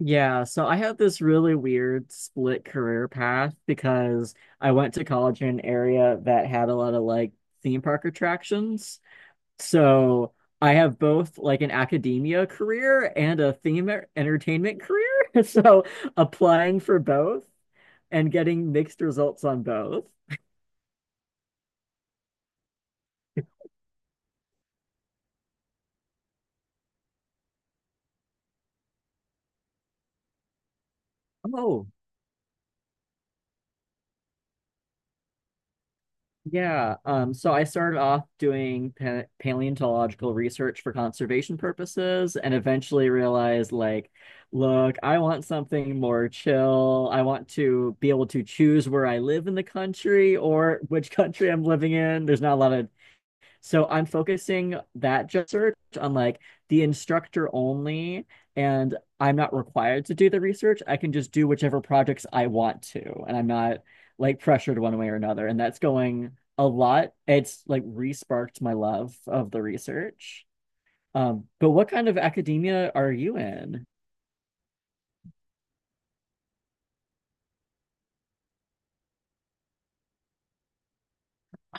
Yeah, so I had this really weird split career path because I went to college in an area that had a lot of like theme park attractions. So I have both like an academia career and a theme entertainment career. So applying for both and getting mixed results on both. Oh. Yeah, so I started off doing pa paleontological research for conservation purposes and eventually realized, like, look, I want something more chill. I want to be able to choose where I live in the country or which country I'm living in. There's not a lot of, so I'm focusing that job search on like the instructor only, and I'm not required to do the research. I can just do whichever projects I want to, and I'm not like pressured one way or another. And that's going a lot. It's like re-sparked my love of the research. But what kind of academia are you in?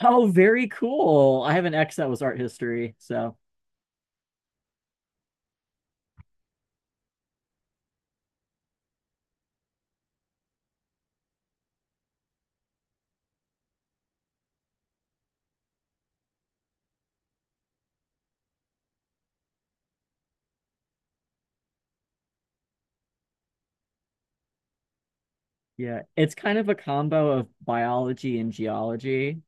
Oh, very cool. I have an ex that was art history, so yeah, it's kind of a combo of biology and geology.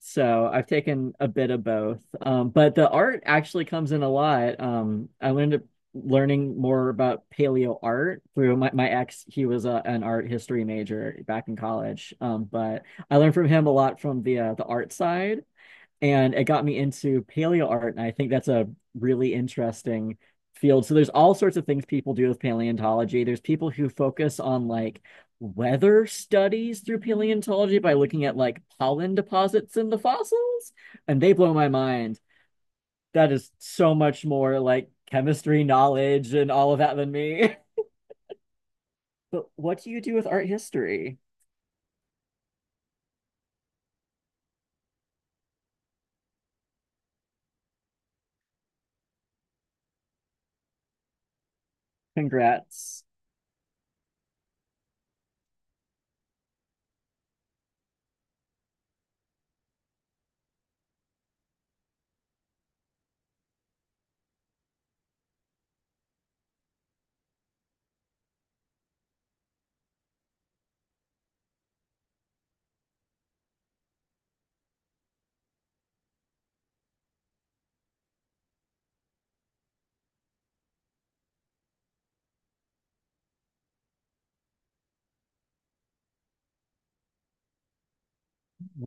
So I've taken a bit of both. But the art actually comes in a lot. Learning more about paleo art through my ex. He was an art history major back in college. But I learned from him a lot from the art side, and it got me into paleo art, and I think that's a really interesting field. So there's all sorts of things people do with paleontology. There's people who focus on like weather studies through paleontology by looking at like pollen deposits in the fossils, and they blow my mind. That is so much more like chemistry knowledge and all of that than me. But what do you do with art history? Congrats.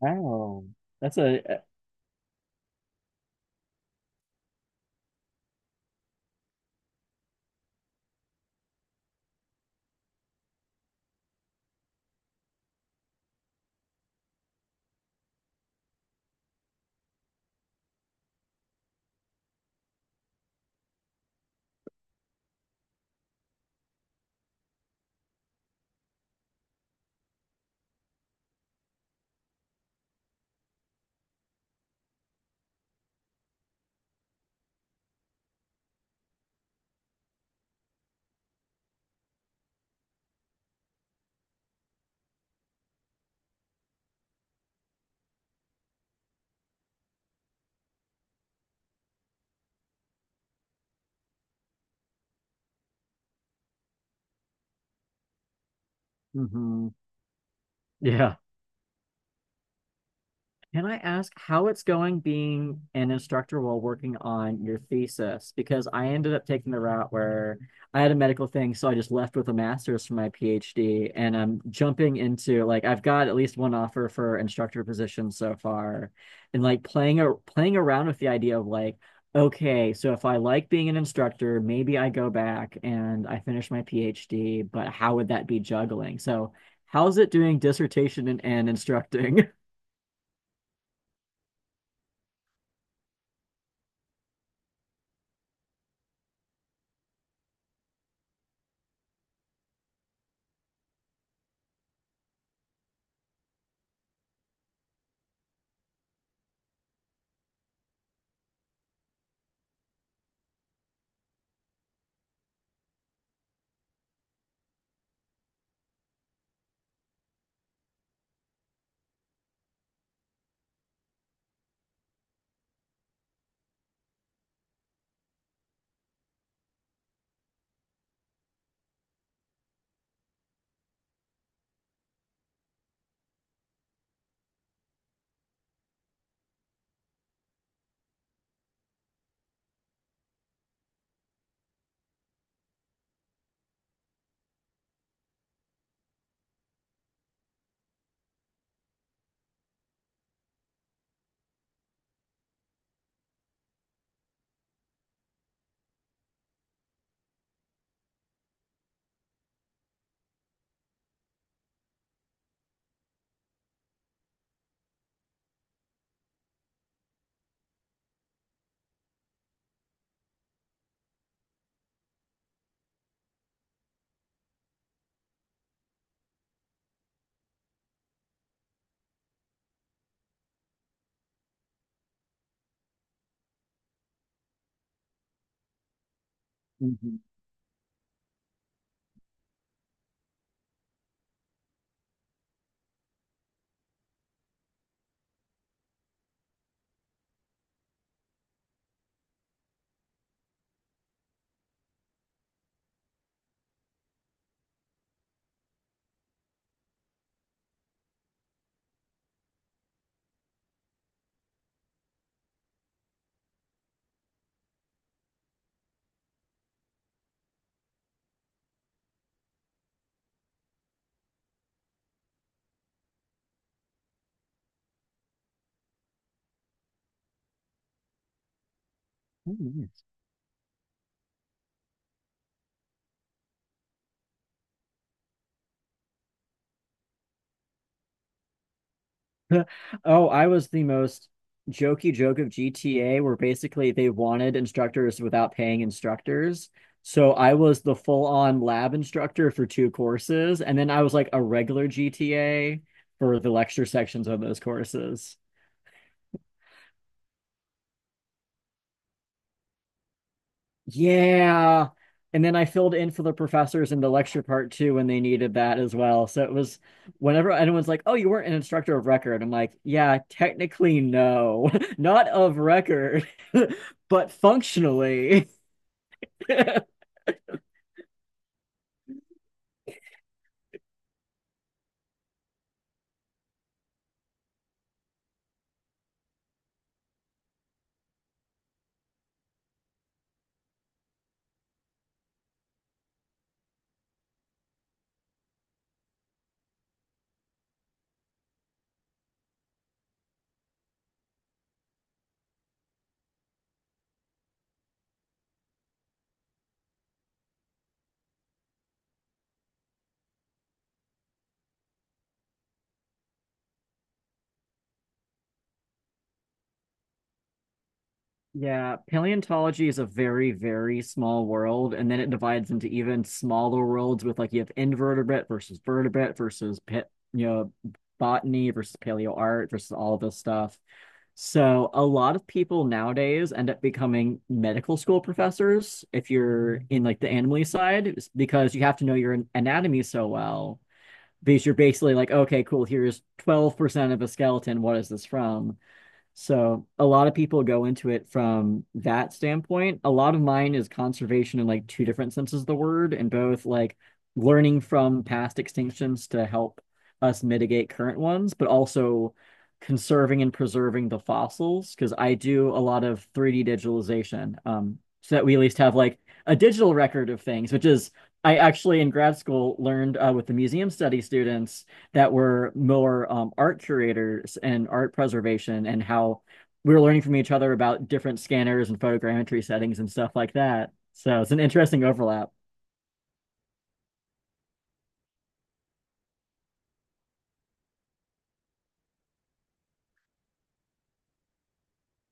Wow. That's a, mhm. Yeah. Can I ask how it's going being an instructor while working on your thesis? Because I ended up taking the route where I had a medical thing, so I just left with a master's for my PhD, and I'm jumping into, like, I've got at least one offer for instructor position so far, and like playing a playing around with the idea of like, okay, so if I like being an instructor, maybe I go back and I finish my PhD, but how would that be juggling? So how's it doing dissertation and instructing? Mhm. Oh, I was the most jokey joke of GTA, where basically they wanted instructors without paying instructors. So I was the full-on lab instructor for two courses, and then I was like a regular GTA for the lecture sections of those courses. Yeah. And then I filled in for the professors in the lecture part too when they needed that as well. So it was, whenever anyone's like, "Oh, you weren't an instructor of record." I'm like, "Yeah, technically no. Not of record, but functionally." Yeah, paleontology is a very, very small world, and then it divides into even smaller worlds with, like, you have invertebrate versus vertebrate versus pit, you know, botany versus paleo art versus all this stuff. So a lot of people nowadays end up becoming medical school professors. If you're in like the animal side, it's because you have to know your anatomy so well, because you're basically like, okay, cool, here's 12% of a skeleton. What is this from? So a lot of people go into it from that standpoint. A lot of mine is conservation in like two different senses of the word, and both like learning from past extinctions to help us mitigate current ones, but also conserving and preserving the fossils, because I do a lot of 3D digitalization, so that we at least have like a digital record of things, which is, I actually in grad school learned with the museum study students that were more art curators and art preservation, and how we were learning from each other about different scanners and photogrammetry settings and stuff like that. So it's an interesting overlap.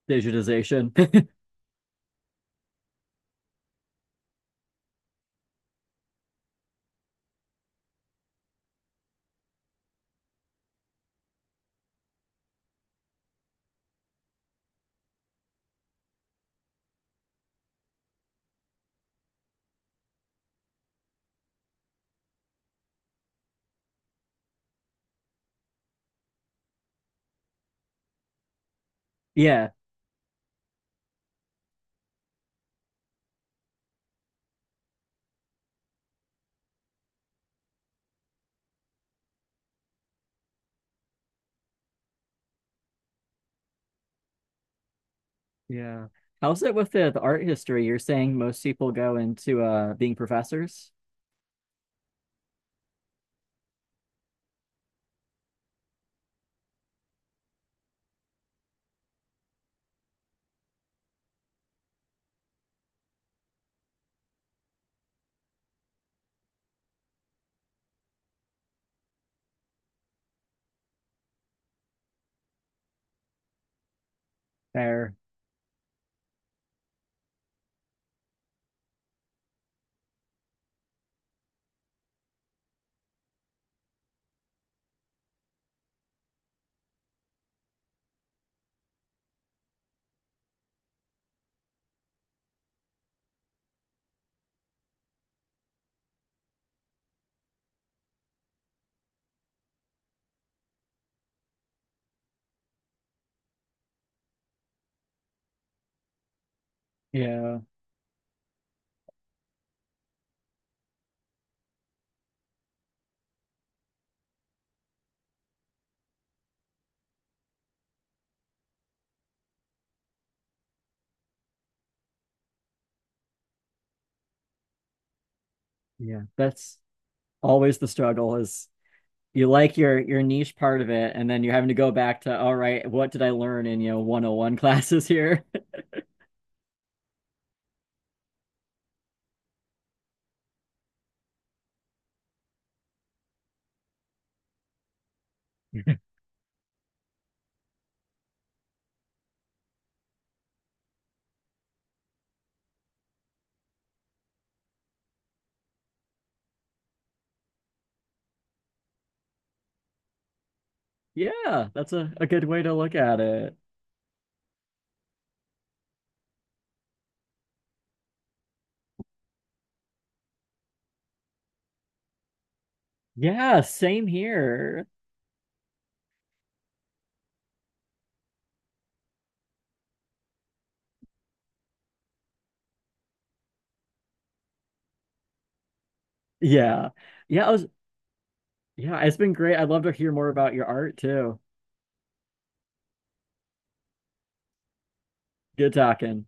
Digitization. Yeah. Yeah. How's it with the art history? You're saying most people go into being professors? Fair. Yeah. Yeah. That's always the struggle is you like your niche part of it, and then you're having to go back to, all right, what did I learn in, you know, 101 classes here? Yeah, that's a good way to look at it. Yeah, same here. Yeah. Yeah, I was, yeah, it's been great. I'd love to hear more about your art too. Good talking.